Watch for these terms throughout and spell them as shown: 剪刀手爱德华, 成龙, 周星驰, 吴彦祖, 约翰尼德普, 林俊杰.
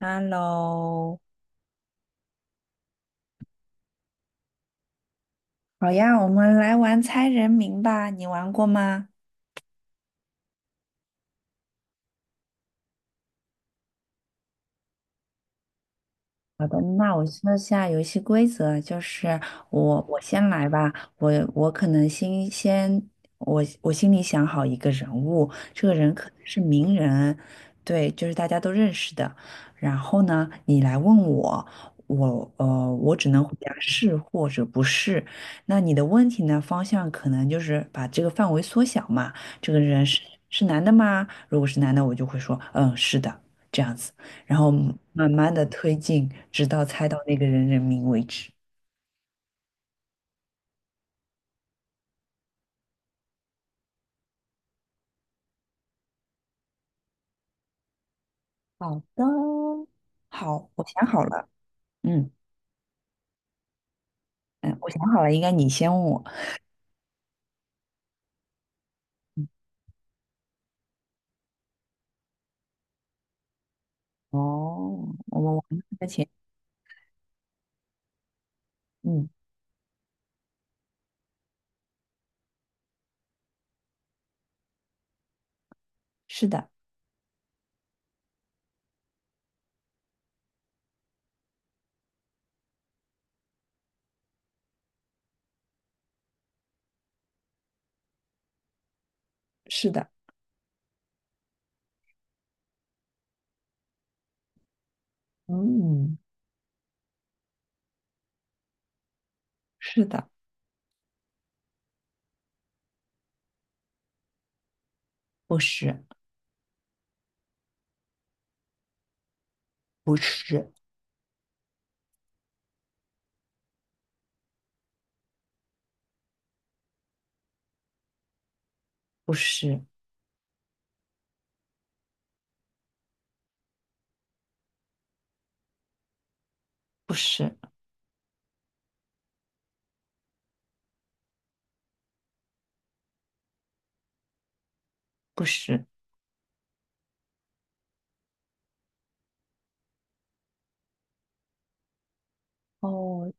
Hello，好呀，我们来玩猜人名吧，你玩过吗？好的，那我说下游戏规则啊，就是我先来吧。我我可能先先我心里想好一个人物，这个人可能是名人，对，就是大家都认识的。然后呢，你来问我，我只能回答是或者不是。那你的问题呢，方向可能就是把这个范围缩小嘛。这个人是男的吗？如果是男的，我就会说嗯是的，这样子。然后慢慢的推进，直到猜到那个人人名为止。好的。好，我想好了。嗯嗯，我想好了，应该你先问我。哦，我们玩这个前，嗯，是的，是的，嗯，是的，不是，不是，不是，不是，不是。哦，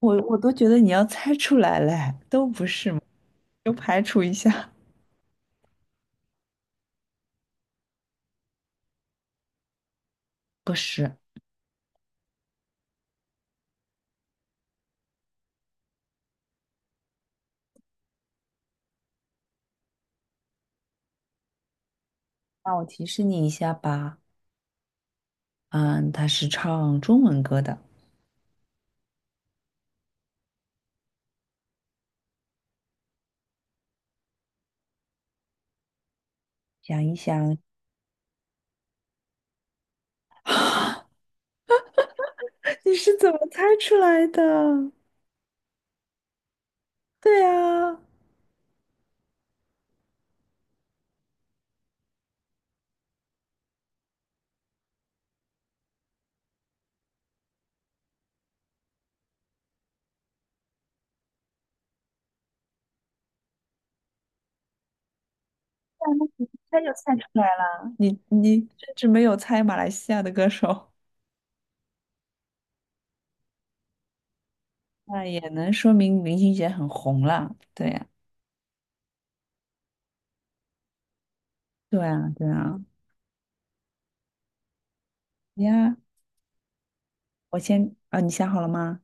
我都觉得你要猜出来嘞，都不是嘛，就排除一下。不是，那我提示你一下吧。嗯，他是唱中文歌的。想一想。啊，你是怎么猜出来的？对啊，那你一猜就猜出来了，你甚至没有猜马来西亚的歌手。那也能说明林俊杰很红了。对呀、对啊，对啊。呀，我先啊，你想好了吗？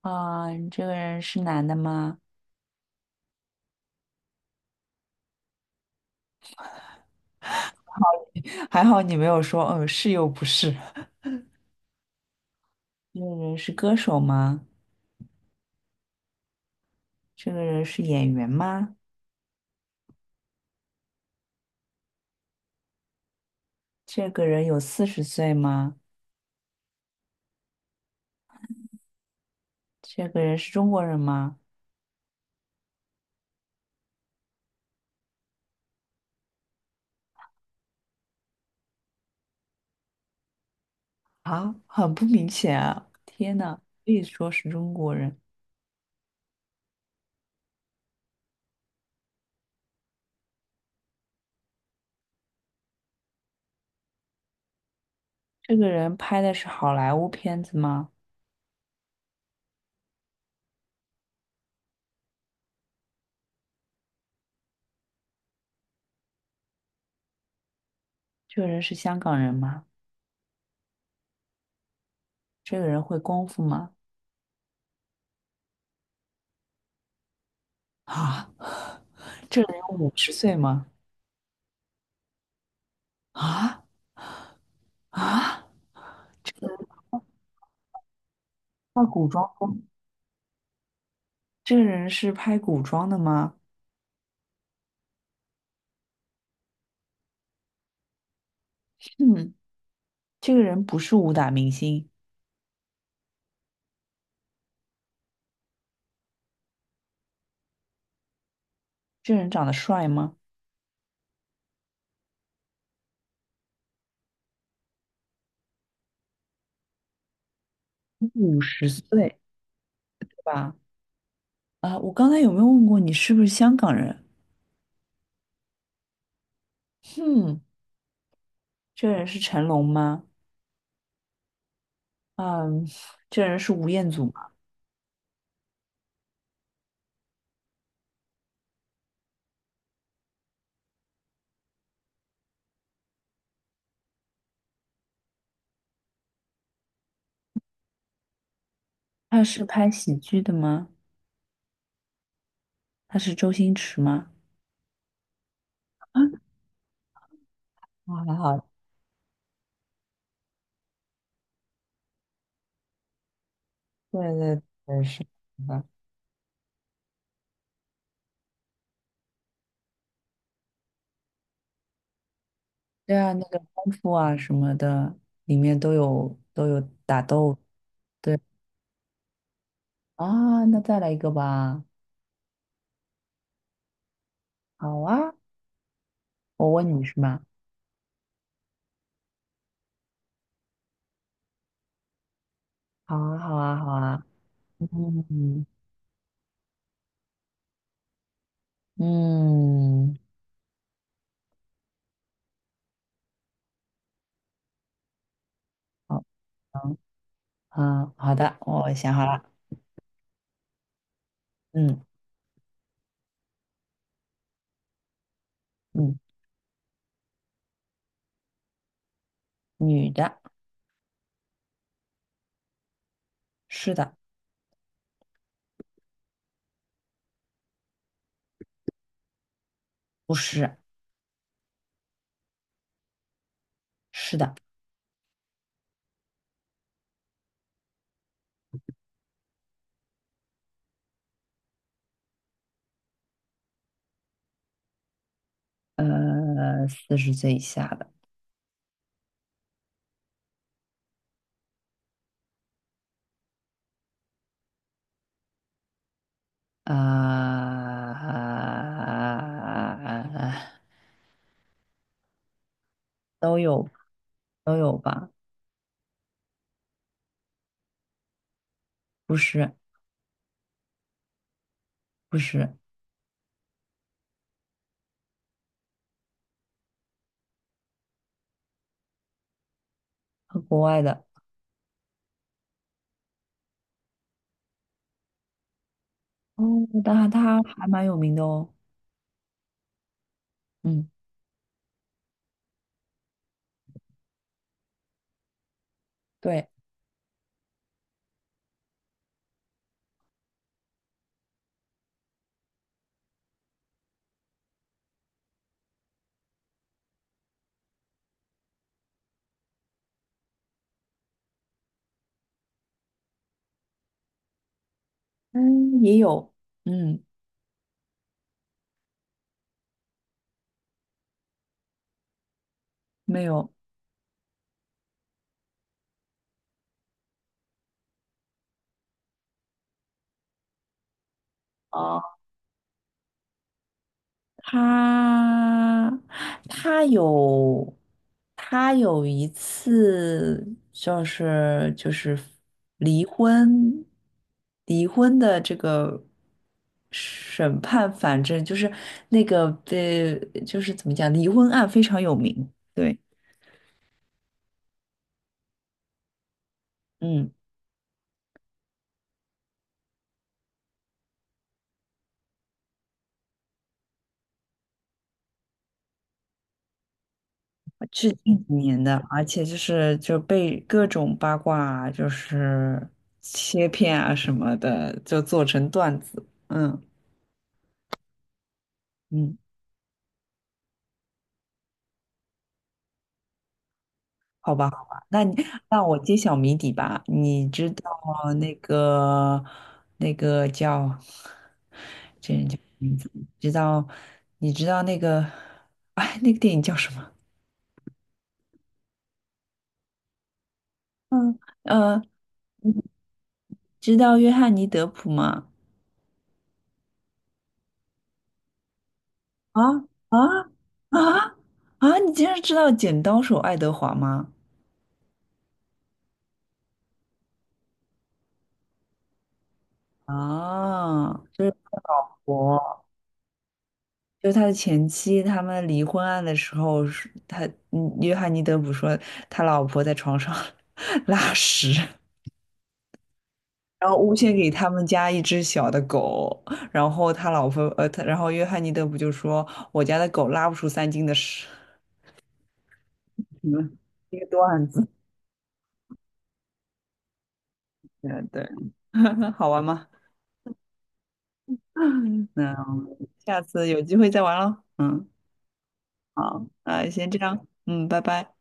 啊，你这个人是男的吗？还好你没有说嗯是又不是。这个人是歌手吗？这个人是演员吗？这个人有四十岁吗？这个人是中国人吗？啊，很不明显啊！天呐，可以说是中国人。这个人拍的是好莱坞片子吗？这个人是香港人吗？这个人会功夫吗？啊，这个人有五十岁吗？啊啊，那古装，这个人是拍古装的吗？嗯，这个人不是武打明星。这个人长得帅吗？五十岁，对吧？啊，我刚才有没有问过你是不是香港人？嗯，这个人是成龙吗？嗯，这个人是吴彦祖。他是拍喜剧的吗？他是周星驰吗？啊，啊还好，对对对，是的。对啊，那个功夫啊什么的，里面都有都有打斗啊。那再来一个吧。好啊，我问你是吗？好啊，好啊，好啊。嗯嗯，好。嗯，好的，我想好了。嗯嗯，女的，是的，不是，是的，呃，四十岁以下的。啊，都有都有吧？不是不是，国外的哦。但他还蛮有名的哦。嗯，对，嗯，也有，嗯，没有。哦，他他有他有一次就是离婚离婚的这个审判。反正就是那个，就是怎么讲，离婚案非常有名。对，嗯，是近几年的，而且就是就被各种八卦就是切片啊什么的，就做成段子。嗯嗯。好吧，好吧，那我揭晓谜底吧。你知道那个那个叫，知道你知道那个，哎，那个电影叫什么？呃，知道约翰尼德普吗？啊啊啊啊！你竟然知道剪刀手爱德华吗？啊， 我就他的前妻。他们离婚案的时候是他约翰尼德普说他老婆在床上 拉屎。然后诬陷给他们家一只小的狗，然后他老婆然后约翰尼德不就说我家的狗拉不出3斤的屎。嗯，一个段子。对对，好玩吗？嗯，下次有机会再玩喽。嗯，好，那先这样，嗯，拜拜。